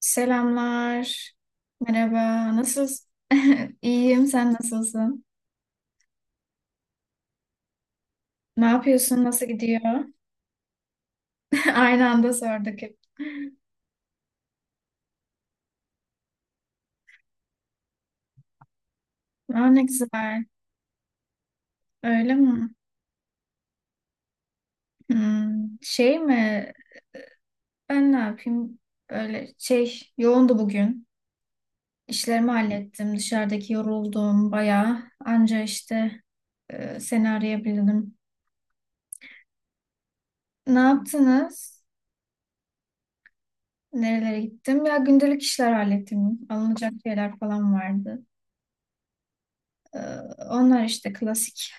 Selamlar. Merhaba. Nasılsın? İyiyim. Sen nasılsın? Ne yapıyorsun? Nasıl gidiyor? Aynı anda sorduk hep. Aa, ne güzel. Öyle mi? Hmm, Şey mi? Ben ne yapayım? Böyle şey yoğundu bugün. İşlerimi hallettim. Dışarıdaki yoruldum bayağı. Anca işte seni arayabildim. Ne yaptınız? Nerelere gittim? Ya gündelik işler hallettim. Alınacak şeyler falan vardı. Ee, Onlar işte klasik.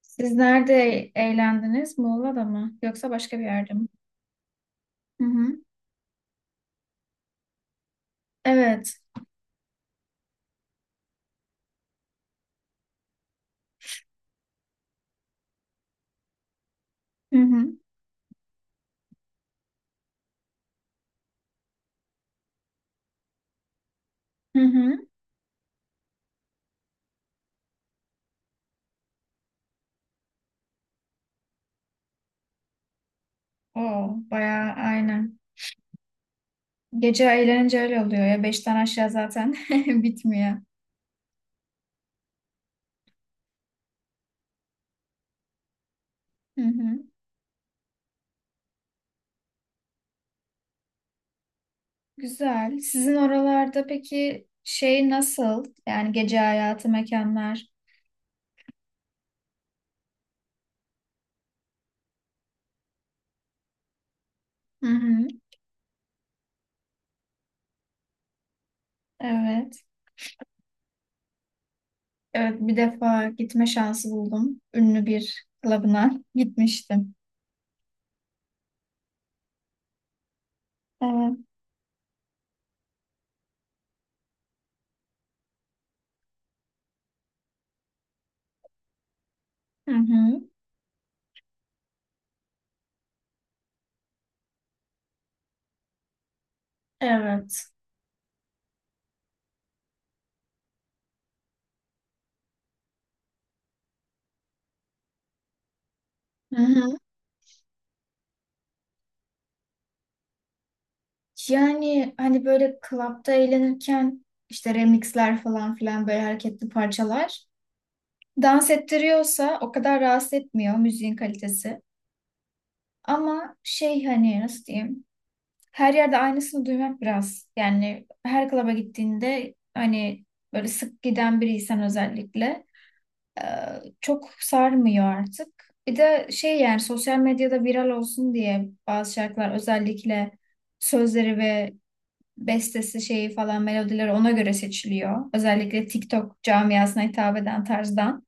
Siz nerede eğlendiniz? Muğla'da mı? Yoksa başka bir yerde mi? Hı hı. Evet. Hı hı. Hı hı. Oo, bayağı aynen. Gece eğlenince öyle oluyor ya. Beşten aşağı zaten bitmiyor. Hı hı. Güzel. Sizin oralarda peki şey nasıl? Yani gece hayatı mekanlar. Hı hı. Evet. Evet, bir defa gitme şansı buldum. Ünlü bir klubuna gitmiştim. Evet. Hı hı. Evet. Hı hı. Yani hani böyle klapta eğlenirken işte remixler falan filan böyle hareketli parçalar dans ettiriyorsa o kadar rahatsız etmiyor müziğin kalitesi. Ama şey hani nasıl diyeyim her yerde aynısını duymak biraz yani her klaba gittiğinde hani böyle sık giden biriysen özellikle e, çok sarmıyor artık. Bir de şey yani sosyal medyada viral olsun diye bazı şarkılar özellikle sözleri ve bestesi şeyi falan melodileri ona göre seçiliyor. Özellikle TikTok camiasına hitap eden tarzdan.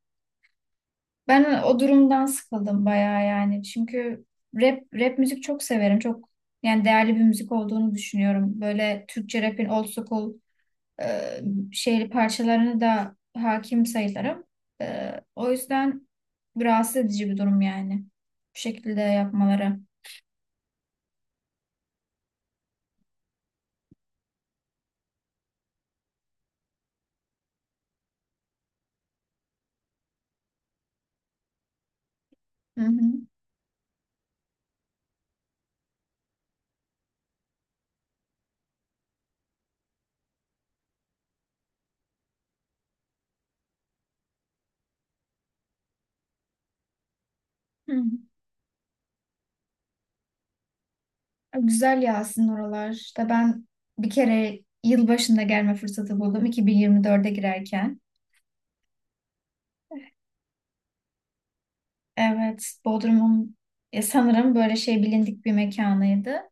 Ben o durumdan sıkıldım bayağı yani. Çünkü rap müzik çok severim. Çok yani değerli bir müzik olduğunu düşünüyorum. Böyle Türkçe rap'in old school e, şehri parçalarına da hakim sayılırım. O yüzden rahatsız edici bir durum yani. Bu şekilde yapmaları. Hı hı. Hı hı. Güzel ya aslında oralar. İşte ben bir kere yılbaşında gelme fırsatı buldum 2024'e girerken. Evet, Bodrum'un sanırım böyle şey bilindik bir mekanıydı.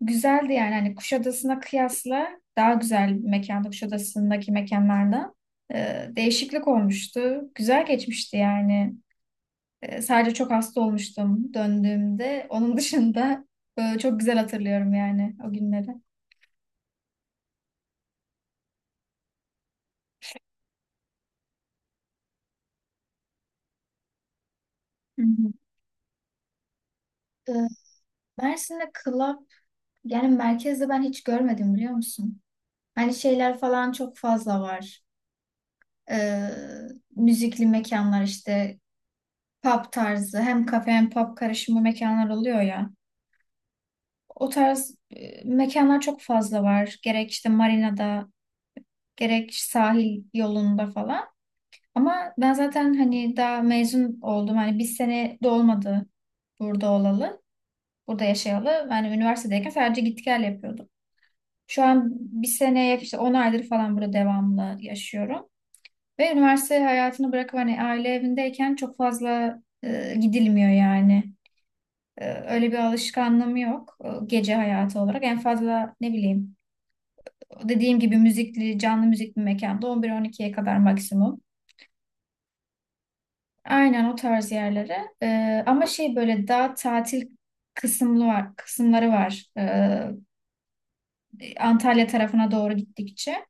Güzeldi yani hani Kuşadası'na kıyasla daha güzel bir mekandı Kuşadası'ndaki mekanlardan. Değişiklik olmuştu. Güzel geçmişti yani. Sadece çok hasta olmuştum döndüğümde. Onun dışında çok güzel hatırlıyorum yani o günleri. Hı hı. Ee, Mersin'de club yani merkezde ben hiç görmedim biliyor musun? Hani şeyler falan çok fazla var. e, Müzikli mekanlar işte pub tarzı hem kafe hem pub karışımı mekanlar oluyor ya. O tarz mekanlar çok fazla var. Gerek işte marinada, gerek sahil yolunda falan. Ama ben zaten hani daha mezun oldum. Hani bir sene de olmadı burada olalı, burada yaşayalı. Yani üniversitedeyken sadece git gel yapıyordum. Şu an bir seneye işte 10 aydır falan burada devamlı yaşıyorum. Ve üniversite hayatını bırakıp hani aile evindeyken çok fazla gidilmiyor yani. Öyle bir alışkanlığım yok gece hayatı olarak. En fazla ne bileyim dediğim gibi müzikli, canlı müzikli mekanda 11-12'ye kadar maksimum. Aynen o tarz yerlere. Ama şey böyle daha tatil kısımlı var, kısımları var. Antalya tarafına doğru gittikçe.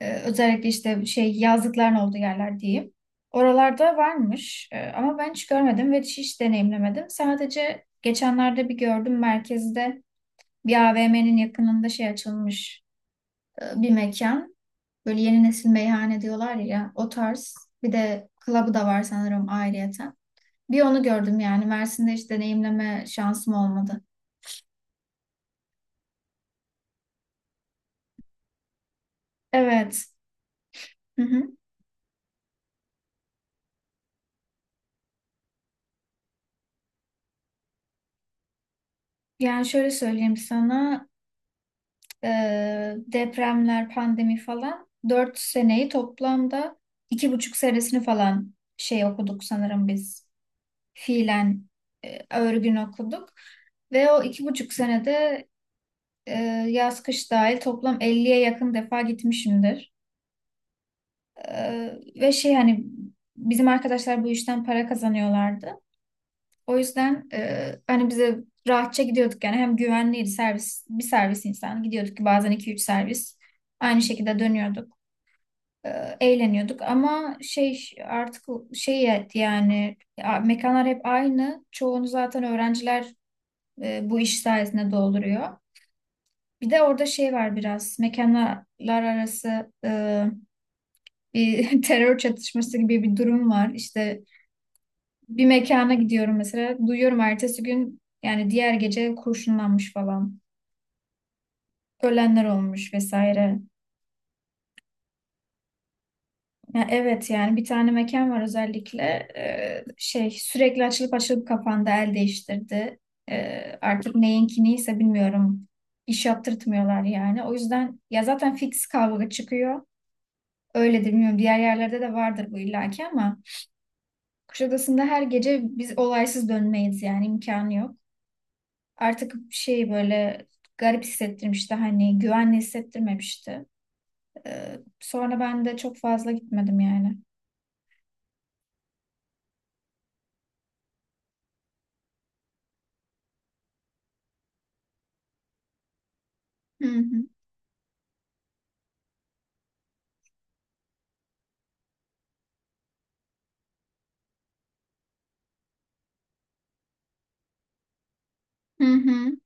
Özellikle işte şey yazlıkların olduğu yerler diyeyim. Oralarda varmış. Ama ben hiç görmedim ve hiç deneyimlemedim. Sadece geçenlerde bir gördüm merkezde bir AVM'nin yakınında şey açılmış bir mekan. Böyle yeni nesil meyhane diyorlar ya o tarz. Bir de club'ı da var sanırım ayrıyeten. Bir onu gördüm yani Mersin'de hiç deneyimleme şansım olmadı. Evet. Hı hı. Yani şöyle söyleyeyim sana. e, Depremler, pandemi falan. 4 seneyi toplamda 2,5 senesini falan şey okuduk sanırım biz. Fiilen örgün okuduk. Ve o 2,5 senede e, yaz kış dahil toplam 50'ye yakın defa gitmişimdir. E, Ve şey hani bizim arkadaşlar bu işten para kazanıyorlardı. O yüzden hani bize rahatça gidiyorduk yani hem güvenliydi servis bir servis insan gidiyorduk ki bazen iki üç servis aynı şekilde dönüyorduk. e, Eğleniyorduk ama şey artık şey et yani mekanlar hep aynı. Çoğunu zaten öğrenciler bu iş sayesinde dolduruyor. Bir de orada şey var biraz mekanlar arası bir terör çatışması gibi bir durum var. İşte bir mekana gidiyorum mesela duyuyorum ertesi gün yani diğer gece kurşunlanmış falan. Ölenler olmuş vesaire. Ya, evet yani bir tane mekan var özellikle. Şey sürekli açılıp açılıp kapandı el değiştirdi. Artık neyinki neyse bilmiyorum iş yaptırtmıyorlar yani. O yüzden ya zaten fix kavga çıkıyor. Öyledir bilmiyorum diğer yerlerde de vardır bu illaki ama Kuşadası'nda her gece biz olaysız dönmeyiz yani imkanı yok. Artık şey böyle garip hissettirmişti hani güvenli hissettirmemişti. Sonra ben de çok fazla gitmedim yani. Hı hı. Hı hı.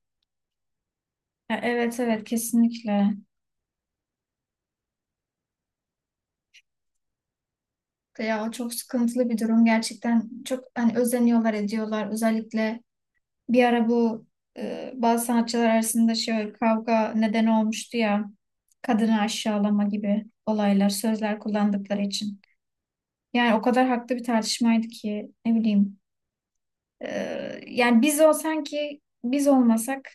Ya, evet evet, kesinlikle. Ya o çok sıkıntılı bir durum gerçekten. Çok hani özeniyorlar ediyorlar. Özellikle bir ara bu bazı sanatçılar arasında şey kavga nedeni olmuştu ya. Kadını aşağılama gibi olaylar, sözler kullandıkları için. Yani o kadar haklı bir tartışmaydı ki ne bileyim. Yani biz o sanki biz olmasak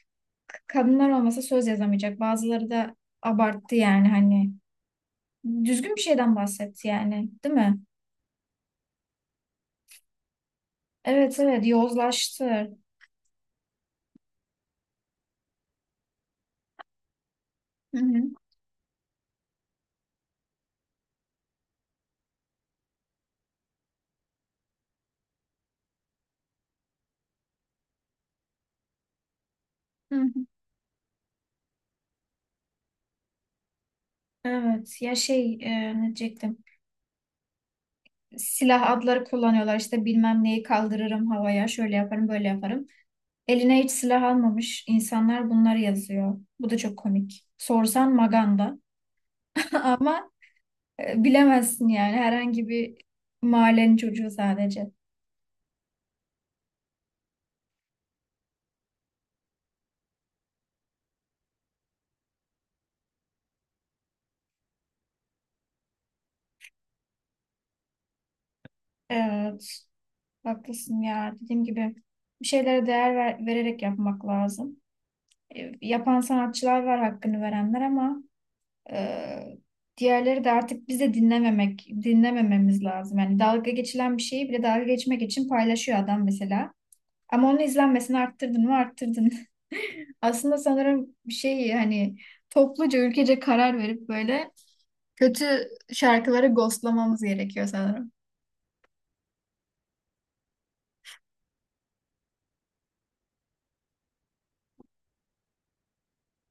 kadınlar olmasa söz yazamayacak. Bazıları da abarttı yani hani düzgün bir şeyden bahsetti yani, değil mi? Evet evet yozlaştı. Hı hı. Hı hı. Evet ya şey ne diyecektim. Silah adları kullanıyorlar işte bilmem neyi kaldırırım havaya şöyle yaparım böyle yaparım. Eline hiç silah almamış insanlar bunları yazıyor. Bu da çok komik. Sorsan Maganda ama bilemezsin yani herhangi bir mahallenin çocuğu sadece. Evet haklısın ya dediğim gibi bir şeylere değer vererek yapmak lazım. Yapan sanatçılar var hakkını verenler ama Ee, diğerleri de artık bize dinlememek, dinlemememiz lazım. Yani dalga geçilen bir şeyi bile dalga geçmek için paylaşıyor adam mesela. Ama onun izlenmesini arttırdın mı arttırdın. Aslında sanırım bir şey hani topluca ülkece karar verip böyle kötü şarkıları ghostlamamız gerekiyor sanırım.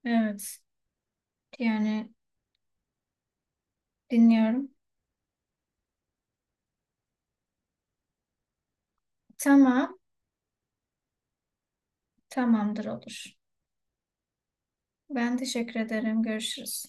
Evet. Yani dinliyorum. Tamam. Tamamdır olur. Ben teşekkür ederim. Görüşürüz.